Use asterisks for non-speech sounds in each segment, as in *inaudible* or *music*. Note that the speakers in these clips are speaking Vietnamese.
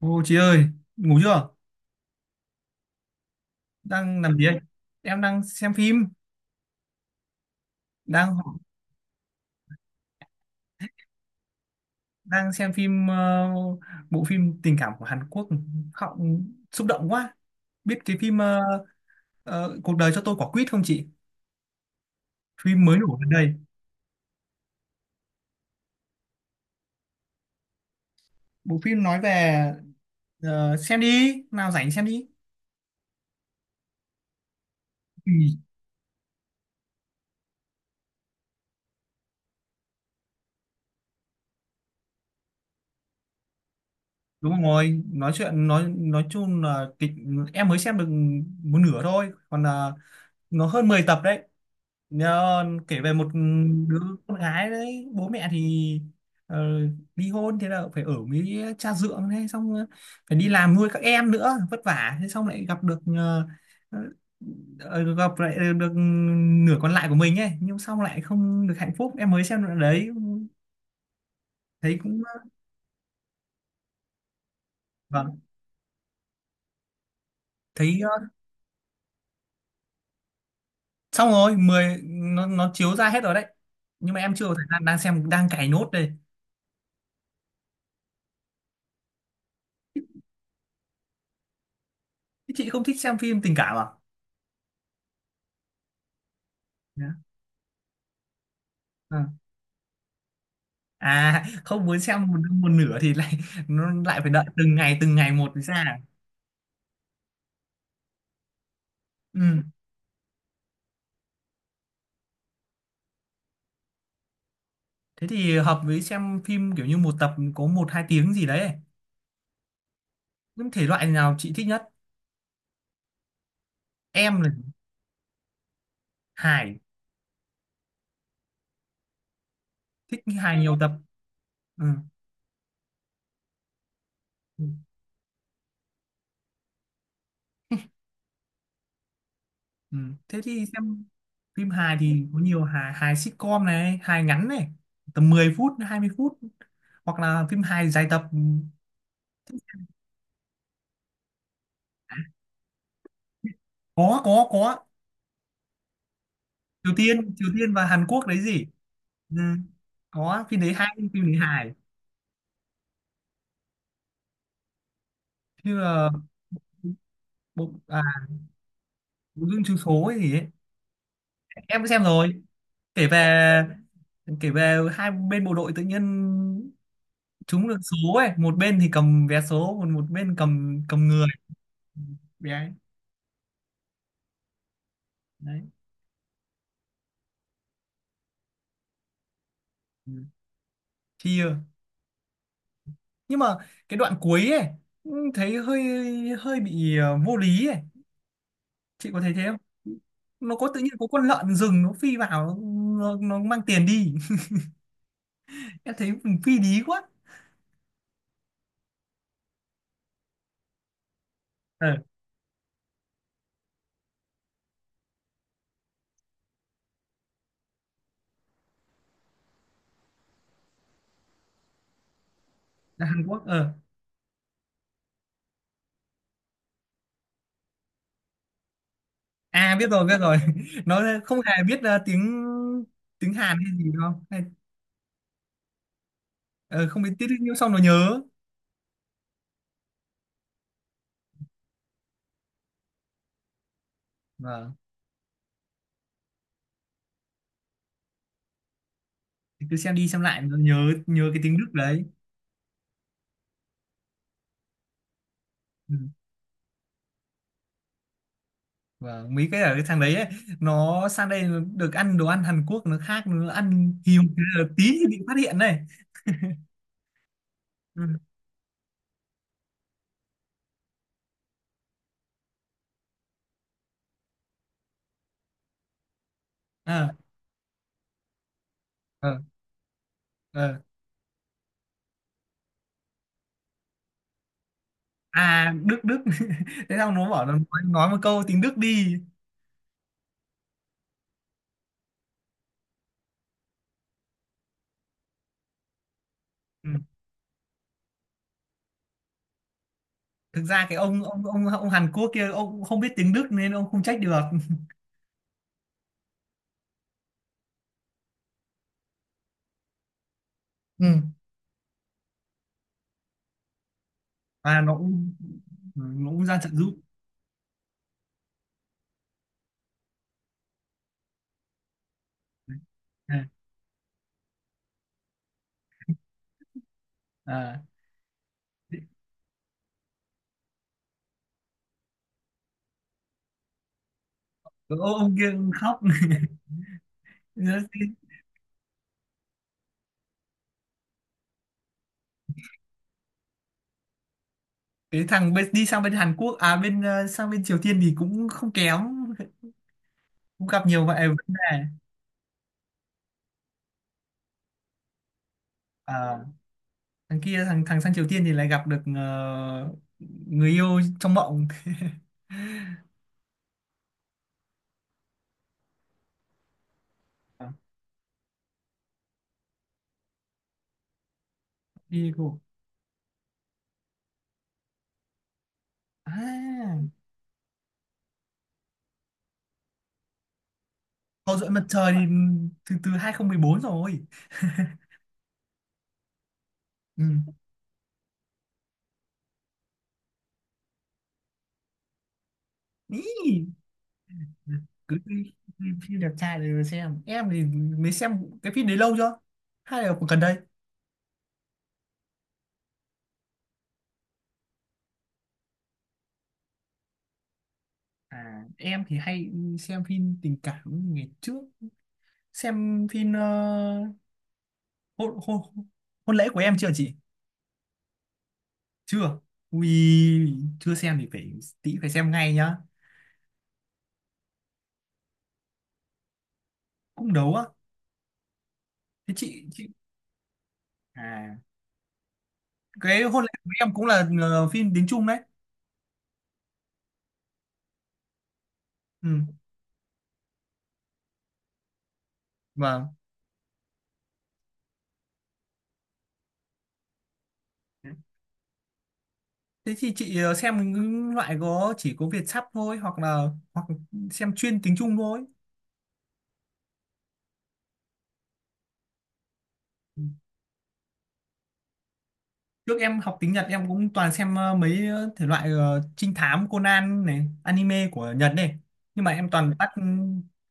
Ô chị ơi, ngủ chưa? Đang làm gì đây? Em đang xem phim, đang đang xem phim bộ phim tình cảm của Hàn Quốc, khóc xúc động quá. Biết cái phim Cuộc đời cho tôi quả quýt không chị? Phim mới nổi gần đây. Bộ phim nói về xem đi, nào rảnh xem đi. Ừ, đúng rồi, nói chuyện nói chung là kịch, em mới xem được một nửa thôi, còn là nó hơn 10 tập đấy. Nhờ, kể về một đứa con gái đấy bố mẹ thì ờ, ly hôn, thế là phải ở với cha dượng, thế xong phải đi làm nuôi các em nữa, vất vả, thế xong lại gặp được ờ, gặp lại được nửa còn lại của mình ấy, nhưng xong lại không được hạnh phúc, em mới xem đoạn đấy thấy cũng vâng, thấy xong rồi mười, nó chiếu ra hết rồi đấy, nhưng mà em chưa có thời gian, đang xem đang cày nốt đây. Thế chị không thích xem phim tình cảm à? Dạ, vâng. À không muốn xem một nửa thì lại nó lại phải đợi từng ngày một mới ra. Ừ. Thế thì hợp với xem phim kiểu như một tập có 1 2 tiếng gì đấy. Những thể loại nào chị thích nhất? Em là hài, thích hài nhiều tập. Ừ. Ừ. Ừ. Thế thì xem phim hài thì có nhiều, hài hài sitcom này, hài ngắn này, tầm 10 phút 20 phút, hoặc là phim hài dài tập. Có có có. Triều Tiên, Triều Tiên và Hàn Quốc đấy gì. Ừ. Có phim đấy, hay, phim đấy hài. Như là bộ à, bộ Gương chiếu số hay gì ấy, em cũng xem rồi. Kể về, kể về hai bên bộ đội tự nhiên trúng được số ấy, một bên thì cầm vé số, còn một bên cầm, cầm người vé ấy. Đấy. Ừ. Chia. Nhưng mà cái đoạn cuối ấy thấy hơi hơi bị vô lý ấy, chị có thấy thế không? Nó có tự nhiên có con lợn rừng nó phi vào, nó mang tiền đi, em thấy mình phi lý quá. Ờ là Hàn Quốc ờ. À biết rồi biết rồi. *laughs* Nó không hề biết tiếng, tiếng Hàn hay gì đâu hay. Ờ, Không biết tiếng nhưng xong nó nhớ. Vâng. Thì cứ xem đi xem lại nó nhớ, nhớ cái tiếng Đức đấy. Ừ. Vâng, mấy cái ở cái thằng đấy ấy, nó sang đây nó được ăn đồ ăn Hàn Quốc, nó khác, nó ăn hiếu tí thì bị phát hiện này. Ừ. Ờ ờ ờ. À Đức Đức. *laughs* Thế sao nó bảo là nói một câu tiếng Đức đi. Ừ. Thực ra cái ông Hàn Quốc kia ông cũng không biết tiếng Đức nên ông không trách được. Ừ. À nó cũng, nó cũng ra trợ giúp. À, à. Ông kia khóc. *laughs* Cái thằng bên, đi sang bên Hàn Quốc à, bên sang bên Triều Tiên thì cũng không kém, cũng gặp nhiều vậy vấn đề. À, thằng kia, thằng thằng sang Triều Tiên thì lại gặp được người yêu trong mộng. *laughs* À, đi cô. À, Hậu duệ mặt trời thì từ từ 2014 rồi. Ừ. Ý. Cứ đi, đi phim đẹp trai để mà xem. Em thì mới xem cái phim đấy lâu chưa, hay là cũng gần đây? À em thì hay xem phim tình cảm. Ngày trước xem phim hôn, hôn, Hôn lễ của em chưa chị? Chưa? Ui chưa xem thì phải, tí phải xem ngay nhá. Cũng đấu á? Thế chị, à cái Hôn lễ của em cũng là phim tiếng Trung đấy. Ừ. Vâng. Thế thì chị xem những loại có chỉ có Việt sắp thôi, hoặc là hoặc xem chuyên tiếng Trung thôi. Trước em học tiếng Nhật em cũng toàn xem mấy thể loại trinh thám Conan này, anime của Nhật này. Nhưng mà em toàn tắt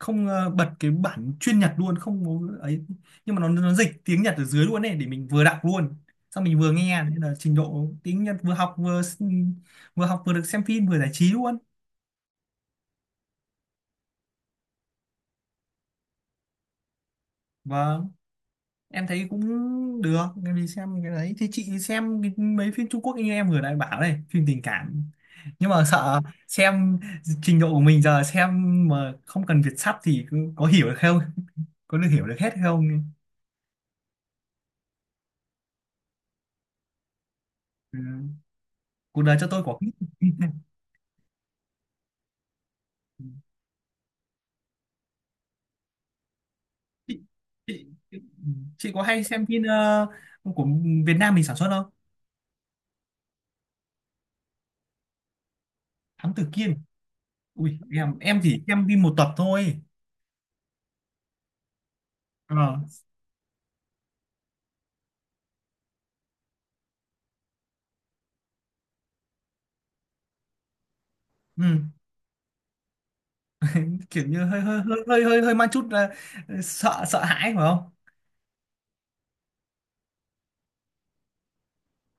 không, bật cái bản chuyên Nhật luôn không có ấy, nhưng mà nó dịch tiếng Nhật ở dưới luôn này để mình vừa đọc luôn. Xong mình vừa nghe nên là trình độ tiếng Nhật vừa học vừa vừa học vừa được xem phim vừa giải trí luôn. Và em thấy cũng được, em đi xem cái đấy thì chị xem cái- mấy phim Trung Quốc như em vừa nãy bảo đây, phim tình cảm, nhưng mà sợ xem trình độ của mình giờ xem mà không cần Việt sắp thì cứ- có hiểu được không, có được hiểu được hết không? Ừ. Cuộc đời cho tôi quả quýt. *laughs* chị, chị, chị có hay xem phim của Việt Nam mình sản xuất không? Thám Tử Kiên? Ui em chỉ xem phim một tập thôi. Ờ. Ừ. *laughs* Kiểu như hơi hơi hơi hơi hơi hơi mang chút sợ, sợ hãi phải không?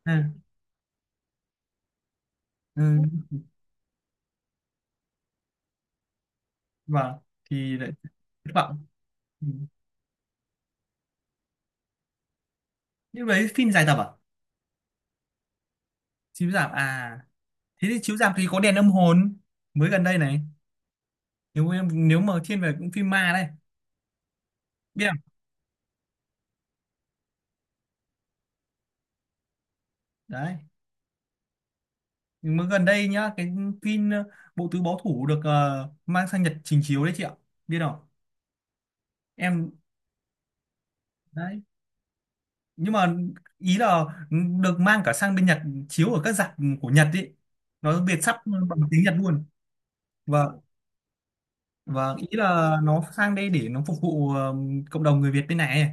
Ừ. Ừ. Vâng. Thì lại thất vọng. Ừ. Nhưng đấy phim dài tập à? Chiếu rạp à? Thế thì chiếu rạp thì có Đèn âm hồn mới gần đây này, nếu em nếu mà thiên về cũng phim ma đây, biết không? Đấy. Nhưng mà gần đây nhá, cái phim Bộ tứ báo thủ được mang sang Nhật trình chiếu đấy chị ạ, biết không? Em đấy. Nhưng mà ý là được mang cả sang bên Nhật, chiếu ở các rạp của Nhật ý, nó Việt sắp bằng tiếng Nhật luôn. và và ý là nó sang đây để nó phục vụ cộng đồng người Việt bên này ấy.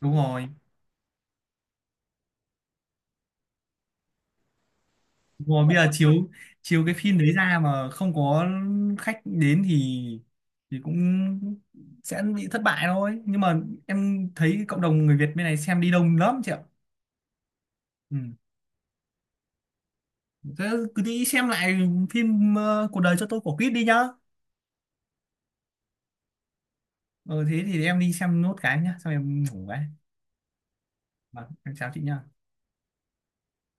Đúng rồi, đúng rồi, bây giờ chiếu, chiếu cái phim đấy ra mà không có khách đến thì cũng sẽ bị thất bại thôi. Nhưng mà em thấy cộng đồng người Việt bên này xem đi đông lắm chị ạ. Ừ. Thế cứ đi xem lại phim Cuộc đời cho tôi quả quýt đi nhá. Ừ thế thì em đi xem nốt cái nhá, xong em ngủ cái. Vâng em chào chị nhá.